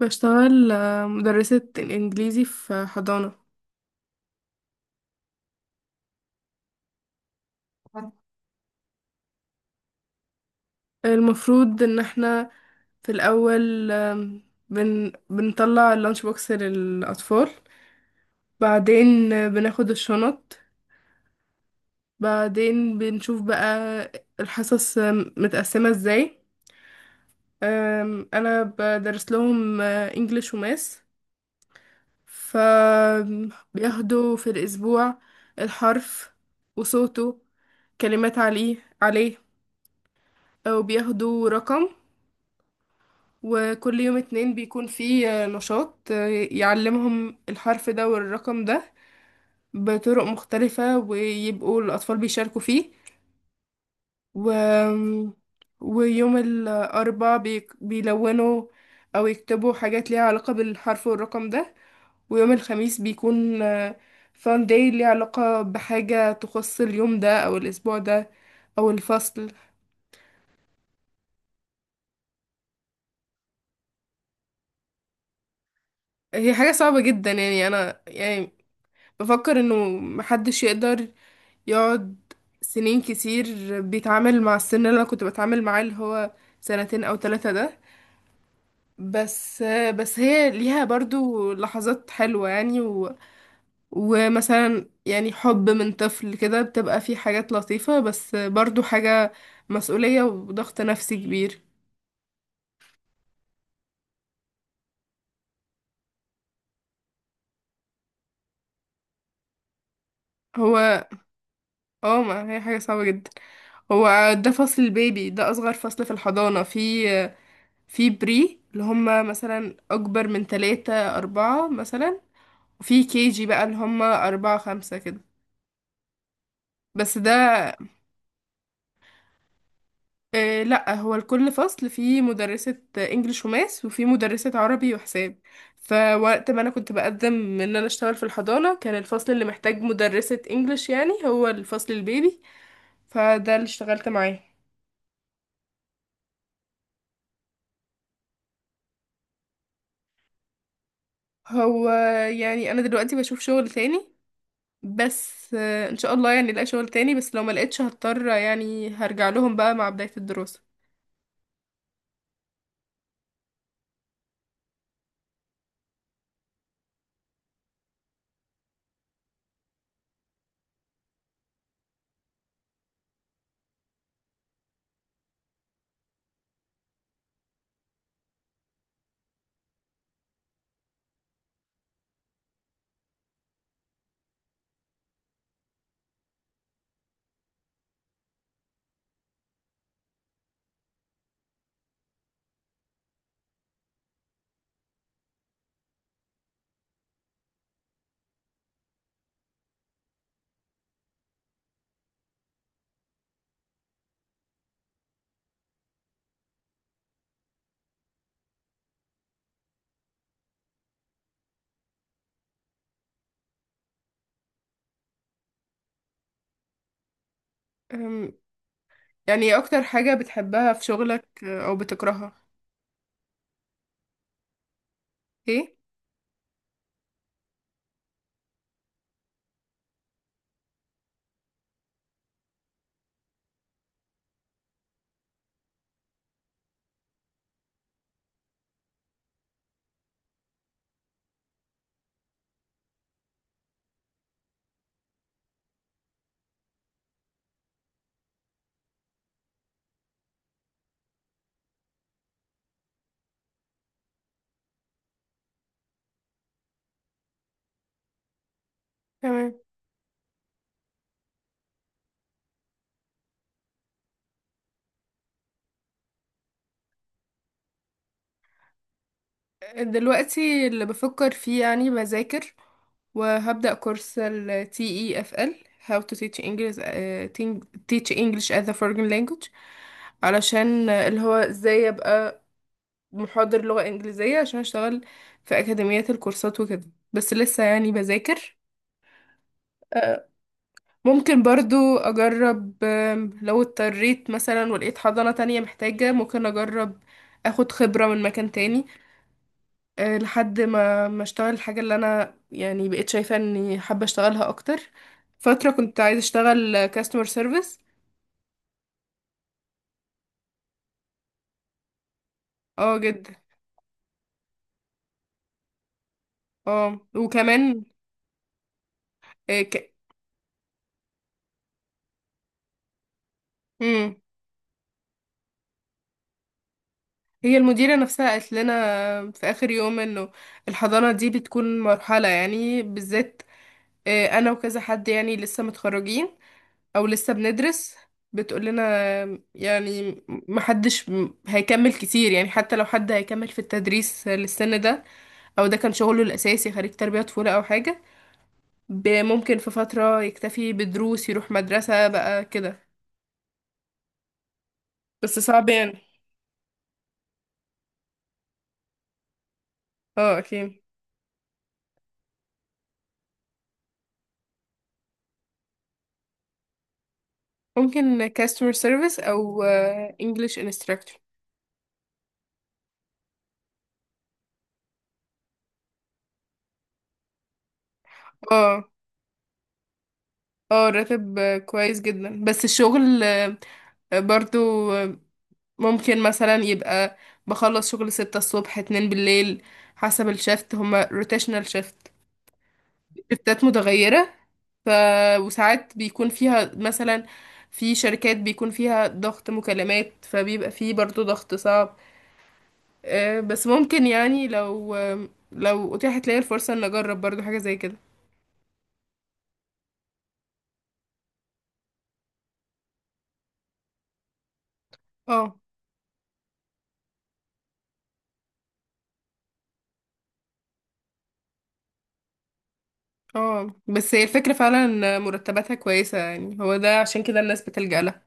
بشتغل مدرسة الإنجليزي في حضانة. المفروض إن احنا في الأول، آم، بن بنطلع اللانش بوكس للأطفال. بعدين بناخد الشنط. بعدين بنشوف بقى الحصص متقسمة ازاي. أنا بدرس لهم انجليش وماس، فبياخدوا في الأسبوع الحرف وصوته، كلمات عليه، وبياخدوا رقم. وكل يوم اتنين بيكون فيه نشاط يعلمهم الحرف ده والرقم ده بطرق مختلفة، ويبقوا الأطفال بيشاركوا فيه. و... ويوم الأربعاء بيلونوا أو يكتبوا حاجات ليها علاقة بالحرف والرقم ده. ويوم الخميس بيكون فان داي ليها علاقة بحاجة تخص اليوم ده أو الأسبوع ده أو الفصل. هي حاجة صعبة جدا، يعني أنا يعني بفكر انه محدش يقدر يقعد سنين كتير بيتعامل مع السن اللي انا كنت بتعامل معاه، اللي هو سنتين او ثلاثة ده. بس بس هي ليها برضو لحظات حلوة يعني. ومثلا يعني حب من طفل كده، بتبقى فيه حاجات لطيفة، بس برضو حاجة مسؤولية وضغط نفسي كبير. هو اه، ما هي حاجة صعبة جدا. هو ده فصل البيبي، ده أصغر فصل في الحضانة. في بري اللي هم مثلا أكبر من تلاتة أربعة مثلا، وفي كيجي بقى اللي هم أربعة خمسة كده. بس ده. لأ، هو لكل فصل في مدرسة إنجليش وماس وفي مدرسة عربي وحساب. فوقت ما أنا كنت بقدم إن أنا أشتغل في الحضانة، كان الفصل اللي محتاج مدرسة إنجليش يعني هو الفصل البيبي، فده اللي اشتغلت معاه. هو يعني أنا دلوقتي بشوف شغل تاني، بس ان شاء الله يعني الاقي شغل تاني. بس لو ما لقيتش، هضطر يعني هرجع لهم بقى مع بداية الدراسة. أم، يعني ايه اكتر حاجة بتحبها في شغلك او بتكرهها؟ ايه. تمام. دلوقتي اللي بفكر فيه يعني بذاكر وهبدأ كورس ال TEFL، How to teach English، teach English as a foreign language. علشان اللي هو ازاي ابقى محاضر لغة انجليزية عشان اشتغل في اكاديميات الكورسات وكده. بس لسه يعني بذاكر. آه، ممكن برضو أجرب، لو اضطريت مثلا ولقيت حضانة تانية محتاجة ممكن أجرب أخد خبرة من مكان تاني، لحد ما أشتغل الحاجة اللي أنا يعني بقيت شايفة إني حابة أشتغلها أكتر. فترة كنت عايزة أشتغل كاستمر سيرفيس. اه، جدا. اه، وكمان آه، ك... مم. هي المديرة نفسها قالت لنا في آخر يوم إنه الحضانة دي بتكون مرحلة، يعني بالذات أنا وكذا حد يعني لسه متخرجين او لسه بندرس. بتقول لنا يعني محدش هيكمل كتير، يعني حتى لو حد هيكمل في التدريس للسن ده او ده كان شغله الاساسي خريج تربية طفولة او حاجة، ممكن في فترة يكتفي بدروس يروح مدرسة بقى كده. بس صعب يعني. اه اكيد. ممكن customer service او English instructor. اه. اه، راتب كويس جدا، بس الشغل برضو ممكن مثلا يبقى بخلص شغل 6 الصبح 2 بالليل حسب الشفت. هما روتيشنال شفت، شفتات متغيرة. ف وساعات بيكون فيها مثلا في شركات بيكون فيها ضغط مكالمات فبيبقى فيه برضو ضغط صعب. بس ممكن يعني لو لو اتيحت لي الفرصة ان اجرب برضو حاجة زي كده. اه. اه، بس هي الفكرة فعلا ان مرتباتها كويسة، يعني هو ده عشان كده الناس بتلجأ لها.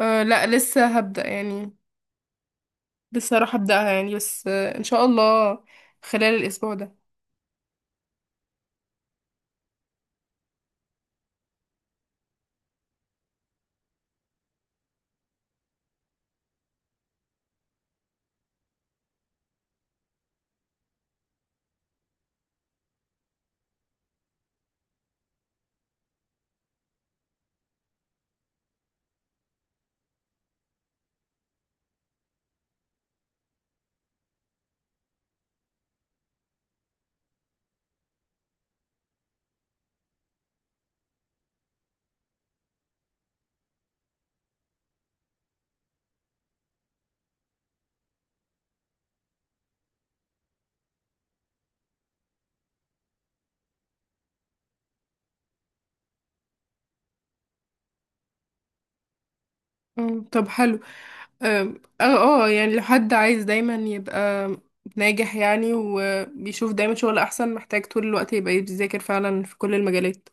أه، لا لسه هبدأ يعني. لسه هروح ابدأها يعني، بس ان شاء الله خلال الاسبوع ده. طب حلو. اه. اه، يعني لو حد عايز دايما يبقى ناجح يعني، وبيشوف دايما شغل احسن، محتاج طول الوقت يبقى بيذاكر فعلا في كل المجالات.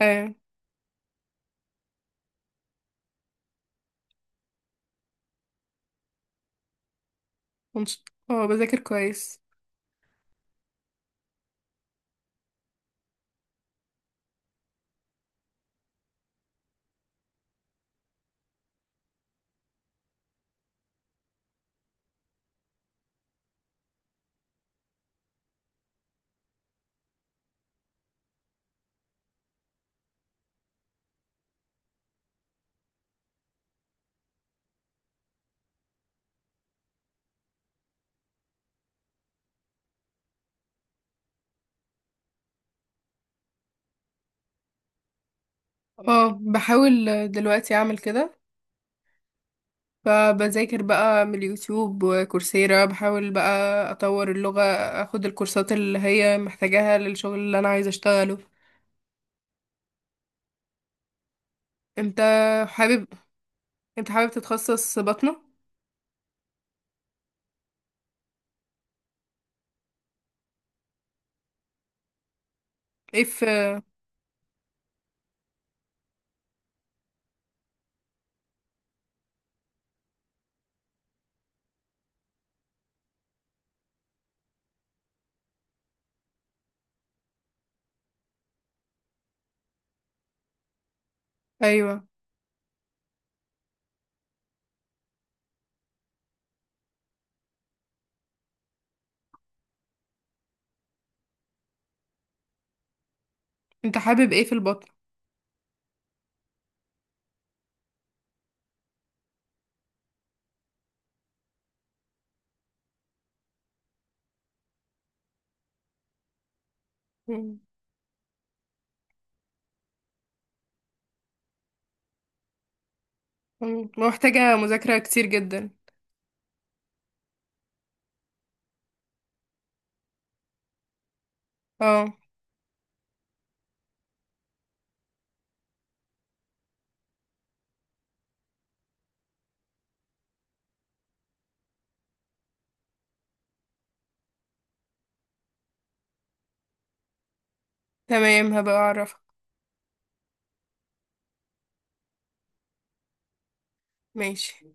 اه. ونش- اه، بذاكر كويس. اه، بحاول دلوقتي اعمل كده. فبذاكر بقى من اليوتيوب وكورسيرا، بحاول بقى اطور اللغة، اخد الكورسات اللي هي محتاجاها للشغل اللي انا عايزة اشتغله. انت حابب انت حابب تتخصص بطنة؟ ايه في. ايوه. انت حابب ايه في البطن؟ مم. مم. محتاجة مذاكرة كتير جدا. اه. تمام، هبقى اعرفك. ماشي.